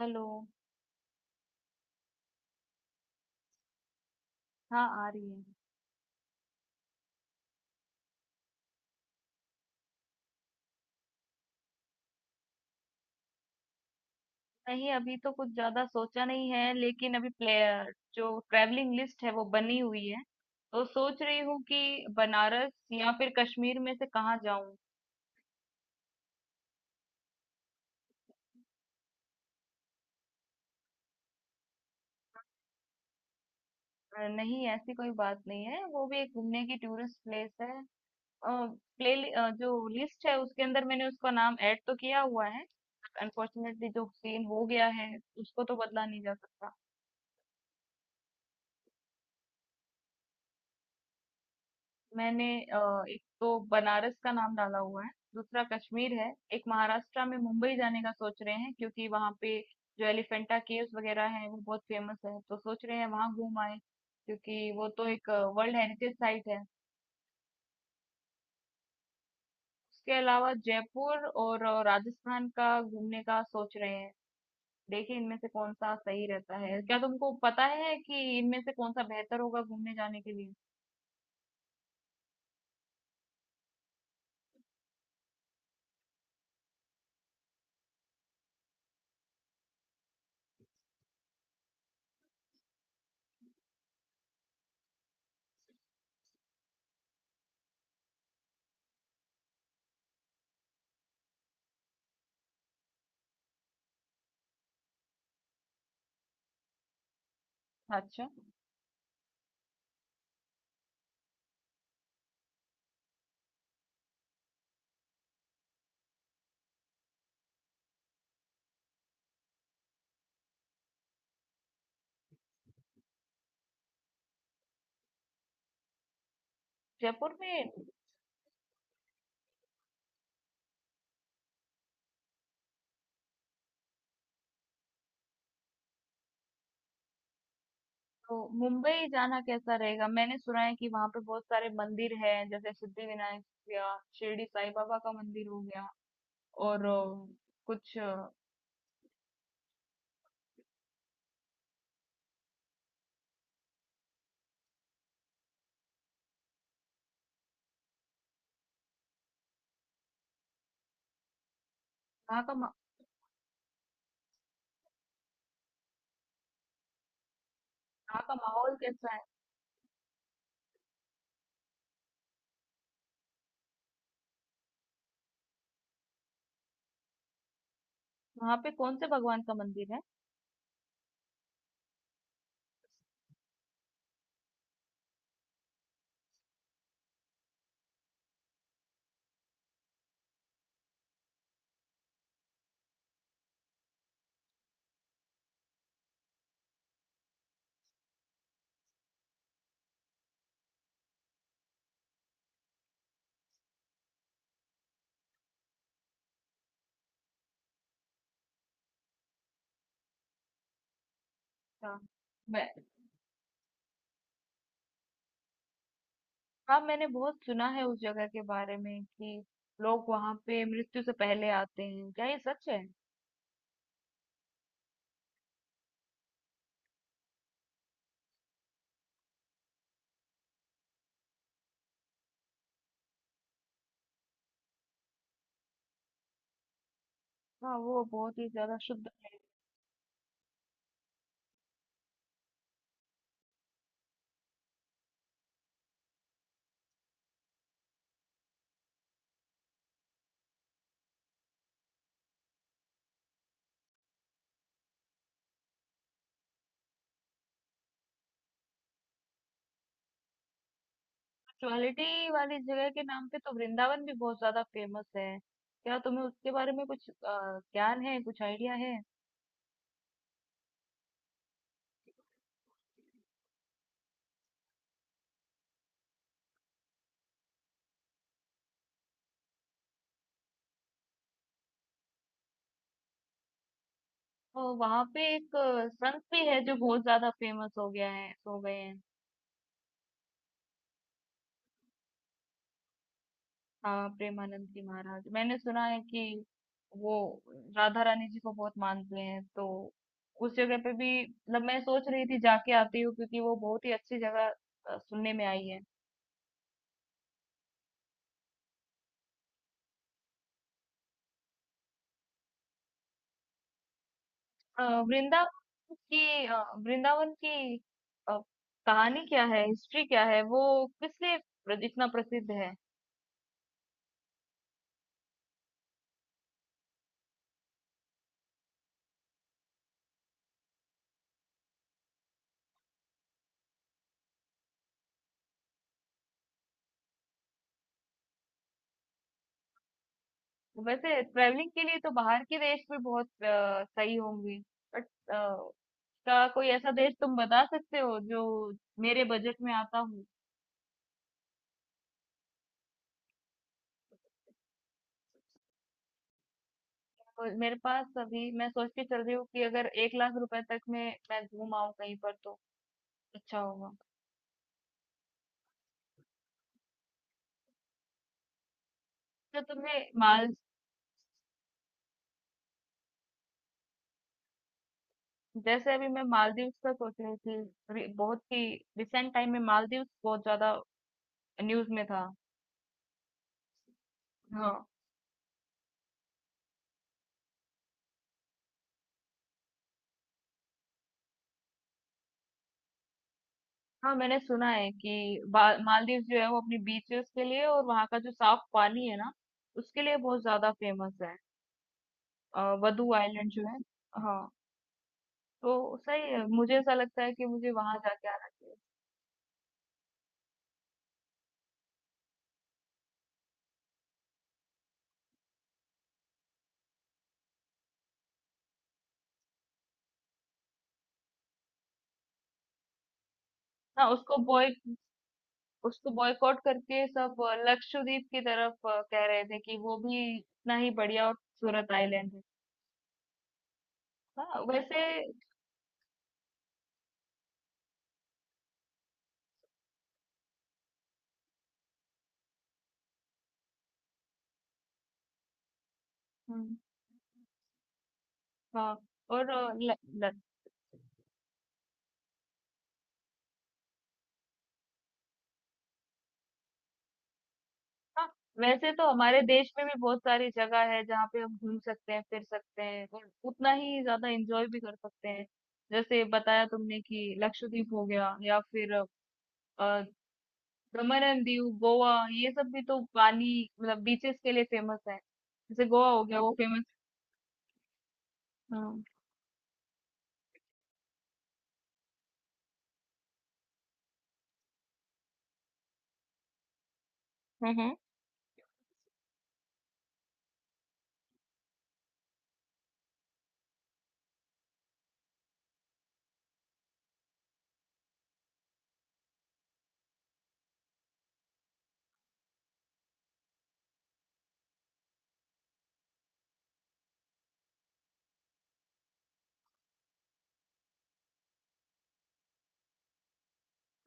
Hello. हाँ, आ रही है। नहीं, अभी तो कुछ ज्यादा सोचा नहीं है, लेकिन अभी प्लेयर जो ट्रैवलिंग लिस्ट है वो बनी हुई है। तो सोच रही हूँ कि बनारस या फिर कश्मीर में से कहाँ जाऊं। नहीं, ऐसी कोई बात नहीं है, वो भी एक घूमने की टूरिस्ट प्लेस है। प्ले जो लिस्ट है उसके अंदर मैंने उसका नाम ऐड तो किया हुआ है। अनफॉर्चुनेटली जो सीन हो गया है उसको तो बदला नहीं जा सकता। मैंने एक तो बनारस का नाम डाला हुआ है। दूसरा कश्मीर है, एक महाराष्ट्र में मुंबई जाने का सोच रहे हैं क्योंकि वहां पे जो एलिफेंटा केव्स वगैरह हैं वो बहुत फेमस है, तो सोच रहे हैं वहां घूम आए क्योंकि वो तो एक वर्ल्ड हेरिटेज साइट है। उसके अलावा जयपुर और राजस्थान का घूमने का सोच रहे हैं। देखिए इनमें से कौन सा सही रहता है, क्या तुमको पता है कि इनमें से कौन सा बेहतर होगा घूमने जाने के लिए? अच्छा। जयपुर में तो मुंबई जाना कैसा रहेगा? मैंने सुना है कि वहां पे बहुत सारे मंदिर हैं, जैसे सिद्धिविनायक हो गया, शिरडी साई बाबा का मंदिर हो गया, और अ, कुछ अ, वहाँ का मा- वहाँ का माहौल कैसा है? वहाँ पे कौन से भगवान का मंदिर है? अच्छा। मैं हाँ, मैंने बहुत सुना है उस जगह के बारे में कि लोग वहाँ पे मृत्यु से पहले आते हैं, क्या ये सच है? हाँ, वो बहुत ही ज्यादा शुद्ध है। क्वालिटी वाली जगह के नाम पे तो वृंदावन भी बहुत ज्यादा फेमस है, क्या तुम्हें उसके बारे में कुछ ज्ञान है, कुछ आइडिया है? तो वहां पे एक संत भी है जो बहुत ज्यादा फेमस हो गया है, हो गए हैं। हाँ, प्रेमानंद जी महाराज। मैंने सुना है कि वो राधा रानी जी को बहुत मानते हैं, तो उस जगह पे भी मतलब मैं सोच रही थी जाके आती हूँ क्योंकि वो बहुत ही अच्छी जगह सुनने में आई है। अ, वृंदावन की अ, वृंदावन की अ, कहानी क्या है, हिस्ट्री क्या है, वो किस लिए इतना प्रसिद्ध है? वैसे ट्रैवलिंग के लिए तो बाहर के देश भी बहुत सही होंगी, बट का कोई ऐसा देश तुम बता सकते हो जो मेरे बजट में आता हो? तो मेरे पास अभी मैं सोच के चल रही हूँ कि अगर 1 लाख रुपए तक में मैं घूम आऊं कहीं पर तो अच्छा होगा। तो तुम्हें माल जैसे अभी मैं मालदीव्स का सोच रही थी, अभी बहुत ही रिसेंट टाइम में मालदीव्स बहुत ज्यादा न्यूज में था। हाँ। हाँ, मैंने सुना है कि मालदीव्स जो है वो अपनी बीचेस के लिए और वहाँ का जो साफ पानी है ना, उसके लिए बहुत ज्यादा फेमस है। वधु आइलैंड जो है। हाँ। तो सही है, मुझे ऐसा लगता है कि मुझे वहां जाके आना चाहिए। हाँ, उसको बॉयकॉट करके सब लक्षद्वीप की तरफ कह रहे थे कि वो भी इतना ही बढ़िया और खूबसूरत आइलैंड है। हाँ, वैसे। हुँ। हाँ। और ल ल हाँ, वैसे तो हमारे देश में भी बहुत सारी जगह है जहाँ पे हम घूम सकते हैं, फिर सकते हैं और उतना ही ज़्यादा एन्जॉय भी कर सकते हैं। जैसे बताया तुमने कि लक्षद्वीप हो गया, या फिर अ, दमन एंड दीव, गोवा ये सब भी तो पानी मतलब बीचेस के लिए फेमस है। जैसे गोवा हो गया, वो फेमस। हाँ। हम्म।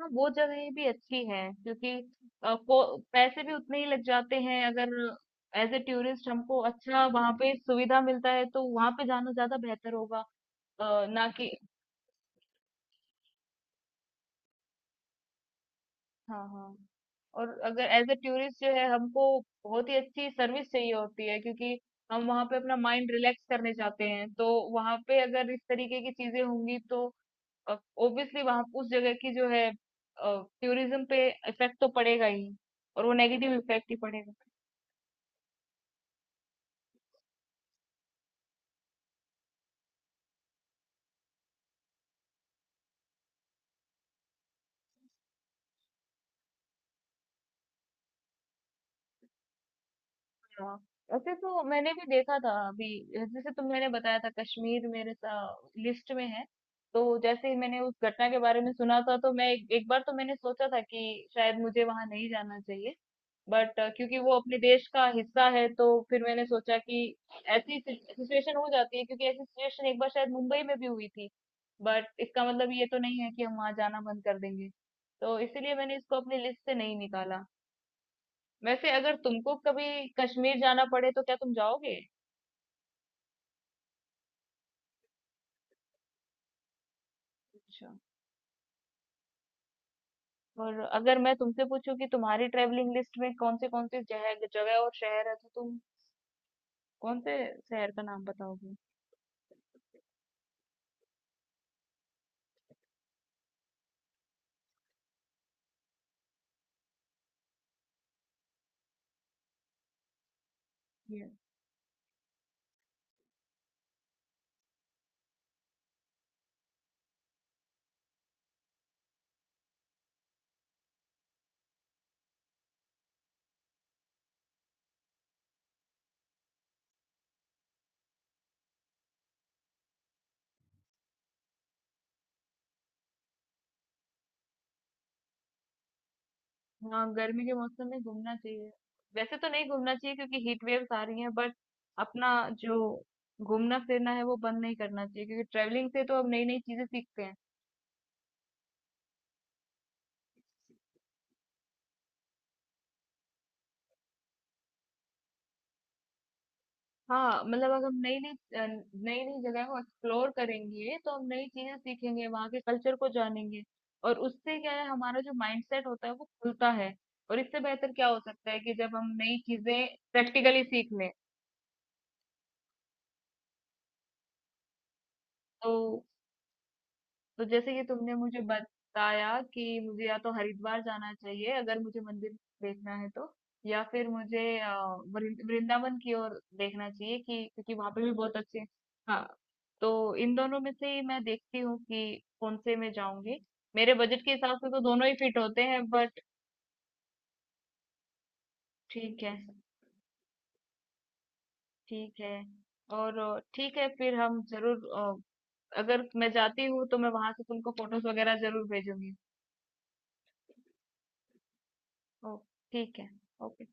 हाँ, वो जगह भी अच्छी है क्योंकि को पैसे भी उतने ही लग जाते हैं, अगर एज ए टूरिस्ट हमको अच्छा वहाँ पे सुविधा मिलता है तो वहाँ पे जाना ज्यादा बेहतर होगा। ना कि। हाँ, हाँ। और अगर एज ए टूरिस्ट जो है हमको बहुत ही अच्छी सर्विस चाहिए होती है क्योंकि हम वहाँ पे अपना माइंड रिलैक्स करने जाते हैं, तो वहाँ पे अगर इस तरीके की चीजें होंगी तो ऑब्वियसली वहाँ उस जगह की जो है टूरिज्म पे इफेक्ट तो पड़ेगा ही। और वो नेगेटिव इफेक्ट ही पड़ेगा। हाँ, वैसे तो मैंने भी देखा था। अभी जैसे तुम मैंने बताया था कश्मीर मेरे लिस्ट में है, तो जैसे ही मैंने उस घटना के बारे में सुना था तो मैं एक बार तो मैंने सोचा था कि शायद मुझे वहां नहीं जाना चाहिए, बट क्योंकि वो अपने देश का हिस्सा है तो फिर मैंने सोचा कि ऐसी सिचुएशन हो जाती है, क्योंकि ऐसी सिचुएशन एक बार शायद मुंबई में भी हुई थी, बट इसका मतलब ये तो नहीं है कि हम वहां जाना बंद कर देंगे, तो इसीलिए मैंने इसको अपनी लिस्ट से नहीं निकाला। वैसे अगर तुमको कभी कश्मीर जाना पड़े तो क्या तुम जाओगे? अच्छा। और अगर मैं तुमसे पूछूं कि तुम्हारी ट्रेवलिंग लिस्ट में कौन से जगह जगह और शहर है तो तुम कौन से शहर का नाम बताओगे? ये हाँ, गर्मी के मौसम में घूमना चाहिए। वैसे तो नहीं घूमना चाहिए क्योंकि हीट वेव्स आ रही हैं, बट अपना जो घूमना फिरना है वो बंद नहीं करना चाहिए क्योंकि ट्रेवलिंग से तो हम नई नई चीजें सीखते हैं। हाँ, मतलब अगर हम नई नई जगह को एक्सप्लोर करेंगे तो हम नई चीजें सीखेंगे, वहाँ के कल्चर को जानेंगे। और उससे क्या है, हमारा जो माइंडसेट होता है वो खुलता है। और इससे बेहतर क्या हो सकता है कि जब हम नई चीजें प्रैक्टिकली सीख लें। तो तो जैसे कि तुमने मुझे बताया कि मुझे या तो हरिद्वार जाना चाहिए अगर मुझे मंदिर देखना है, तो या फिर मुझे वृंदावन की ओर देखना चाहिए, कि क्योंकि वहां पे भी बहुत अच्छे। हाँ। तो इन दोनों में से ही मैं देखती हूँ कि कौन से मैं जाऊंगी, मेरे बजट के हिसाब से तो दोनों ही फिट होते हैं, बट ठीक है। ठीक है। और ठीक है, फिर हम जरूर अगर मैं जाती हूँ तो मैं वहां से तुमको फोटोज वगैरह जरूर भेजूंगी। ओ। ठीक है। ओके।